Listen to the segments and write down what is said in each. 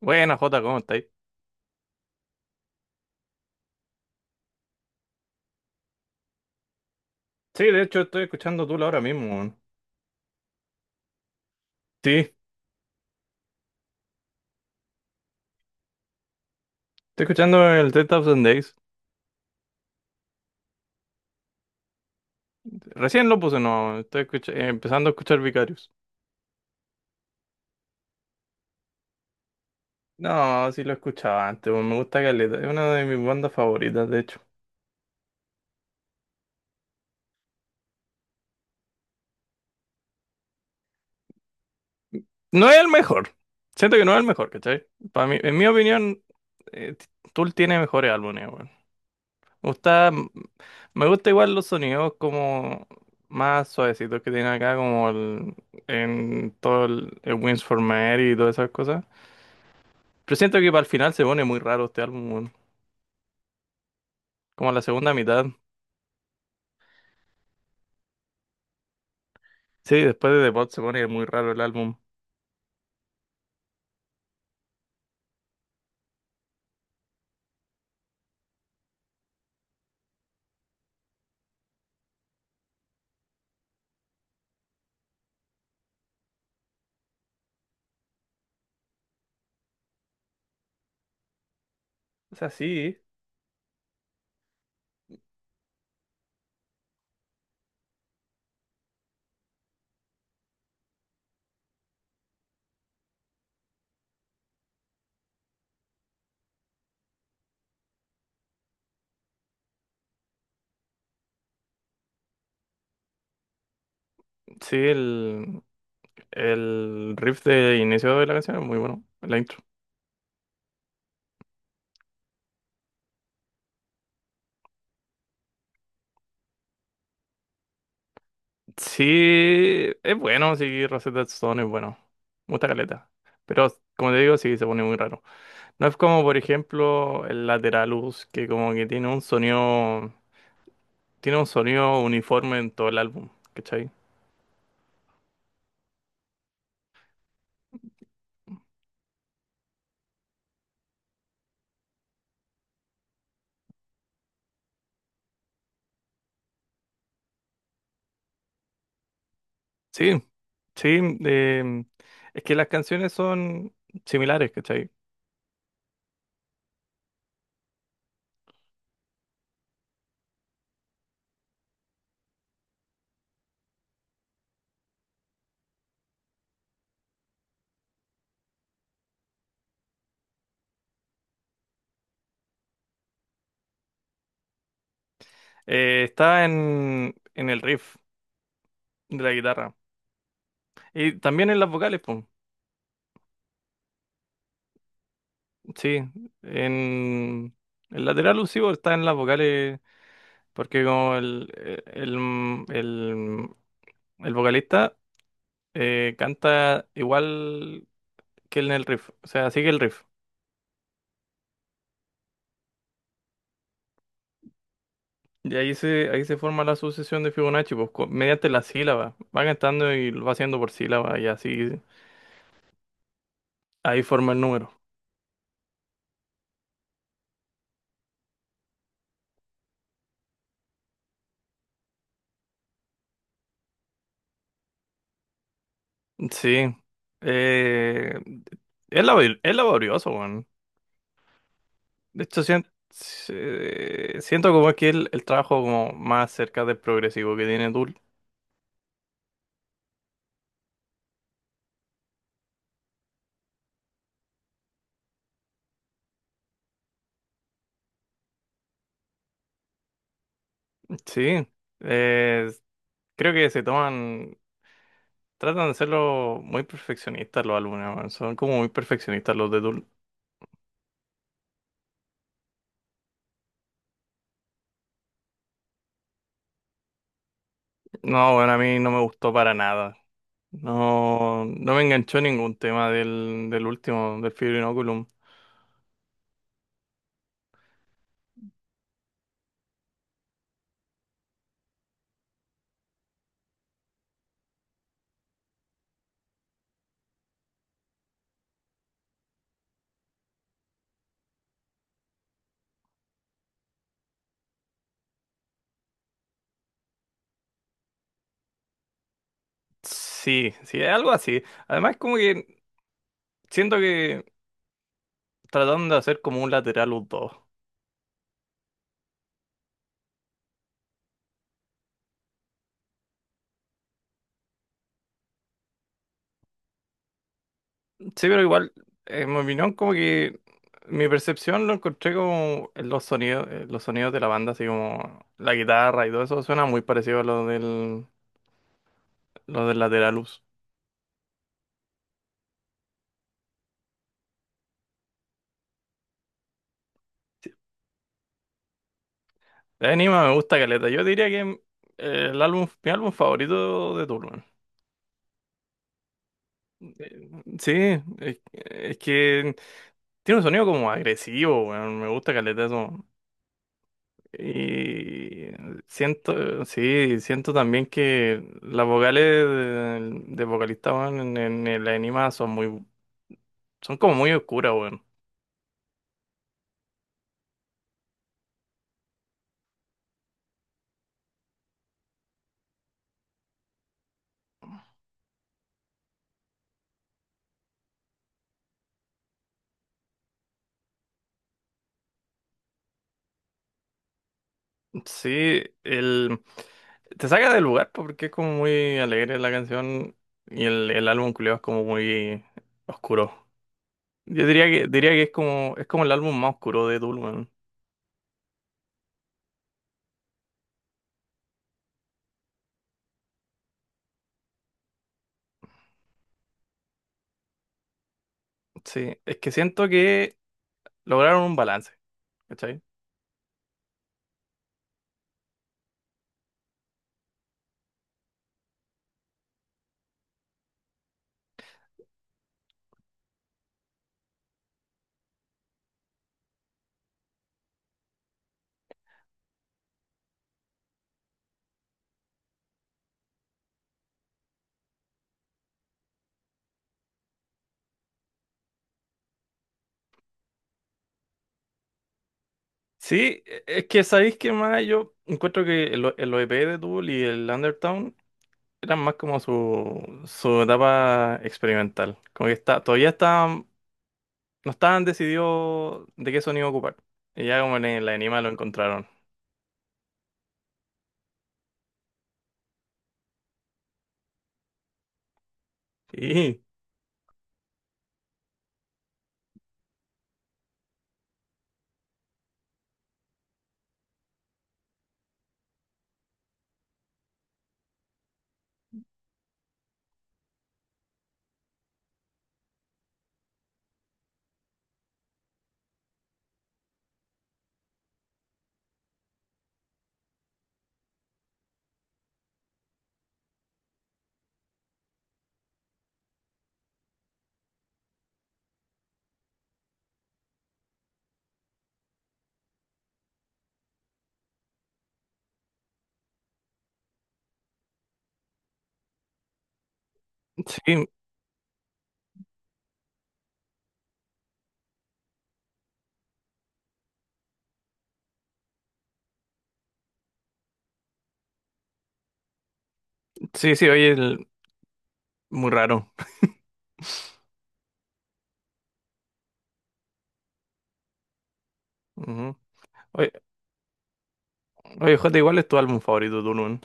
Buena, Jota, ¿cómo estáis? Sí, de hecho estoy escuchando Tool ahora mismo, weón. Sí, estoy escuchando el 3000 Days. Recién lo puse, no, estoy empezando a escuchar Vicarious. No, sí lo escuchaba antes, weón, me gusta Caleta, es una de mis bandas favoritas, de hecho. No es el mejor, siento que no es el mejor, ¿cachai? Para mí, en mi opinión, eh, T- Tool tiene mejores álbumes, weón. Me gusta, me gusta igual los sonidos como más suavecitos que tiene acá, en todo el Wins for Mary y todas esas cosas. Pero siento que para el final se pone muy raro este álbum, weón. Como la segunda mitad. Sí, después de The Pod se pone muy raro el álbum. O sea, sí. Sí, el riff de inicio de la canción es muy bueno, la intro. Sí, es bueno, sí, Rosetta Stone es bueno. Me gusta caleta. Pero, como te digo, sí, se pone muy raro. No es como, por ejemplo, el Lateralus, que como que tiene un sonido uniforme en todo el álbum, ¿cachai? Sí, sí, es que las canciones son similares, ¿cachai? Está en el riff de la guitarra y también en las vocales, pues, sí, en el lateral occipital está en las vocales porque como el, el, el vocalista canta igual que en el riff, o sea, sigue el riff. Y ahí se forma la sucesión de Fibonacci, pues, mediante la sílaba. Va cantando y lo va haciendo por sílaba y así. Ahí forma el número. Sí. Eh, es laborioso, weón. De hecho, siento como que el trabajo como más cerca del progresivo que tiene Tool. Sí. Eh, creo que tratan de serlo muy perfeccionistas los alumnos, weón. Son como muy perfeccionistas los de Tool. No, bueno, a mí no me gustó para nada. No, no me enganchó ningún tema del último, del Fibrinóculum. Sí, sí, es algo así. Además, como que siento que trataron de hacer como un lateral los dos. Sí, pero igual, en mi opinión, como que mi percepción lo encontré como en los sonidos de la banda, así como la guitarra y todo eso, suena muy parecido a lo del Lateralus. El anima me gusta caleta. Yo diría que mi álbum favorito de Tool, weón. Eh, Sí, es que tiene un sonido como agresivo, weón. Me gusta caleta eso. Y siento, sí, siento también que las vocales de vocalista, weón, en el anime son como muy oscuras, weón. Sí, te saca del lugar po, porque es como muy alegre la canción y el álbum culiao es como muy oscuro. Diría que es como el álbum más oscuro de Tool, weón. Sí, es que siento que lograron un balance, ¿cachai? Sí, es que sabéis que más yo encuentro que el OEP de Tool y el Undertown eran más como su etapa experimental. Como que está, todavía estaban, no estaban decididos de qué sonido ocupar. Y ya como en la anima lo encontraron. Sí, sí, sí, sí, oye, muy raro. Ujú. ¿Oye, oye, Jota, igual es tu álbum favorito, Tool, weón?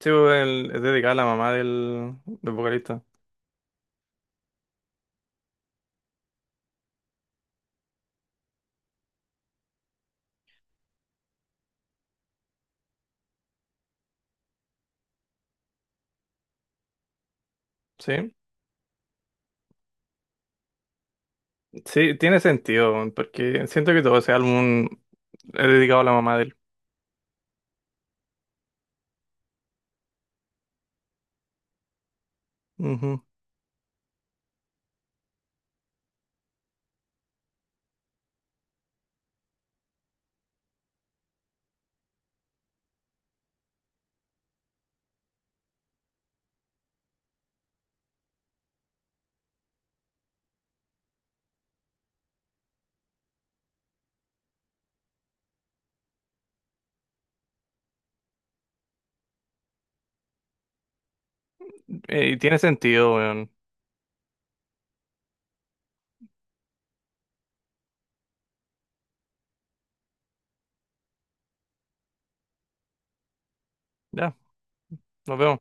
Sí, pues, es dedicado a la mamá del vocalista. Sí, sí, tiene sentido, weón, porque siento que todo ese álbum he dedicado a la mamá de él. Ujú. Y tiene sentido, weón. Ya, nos vemos.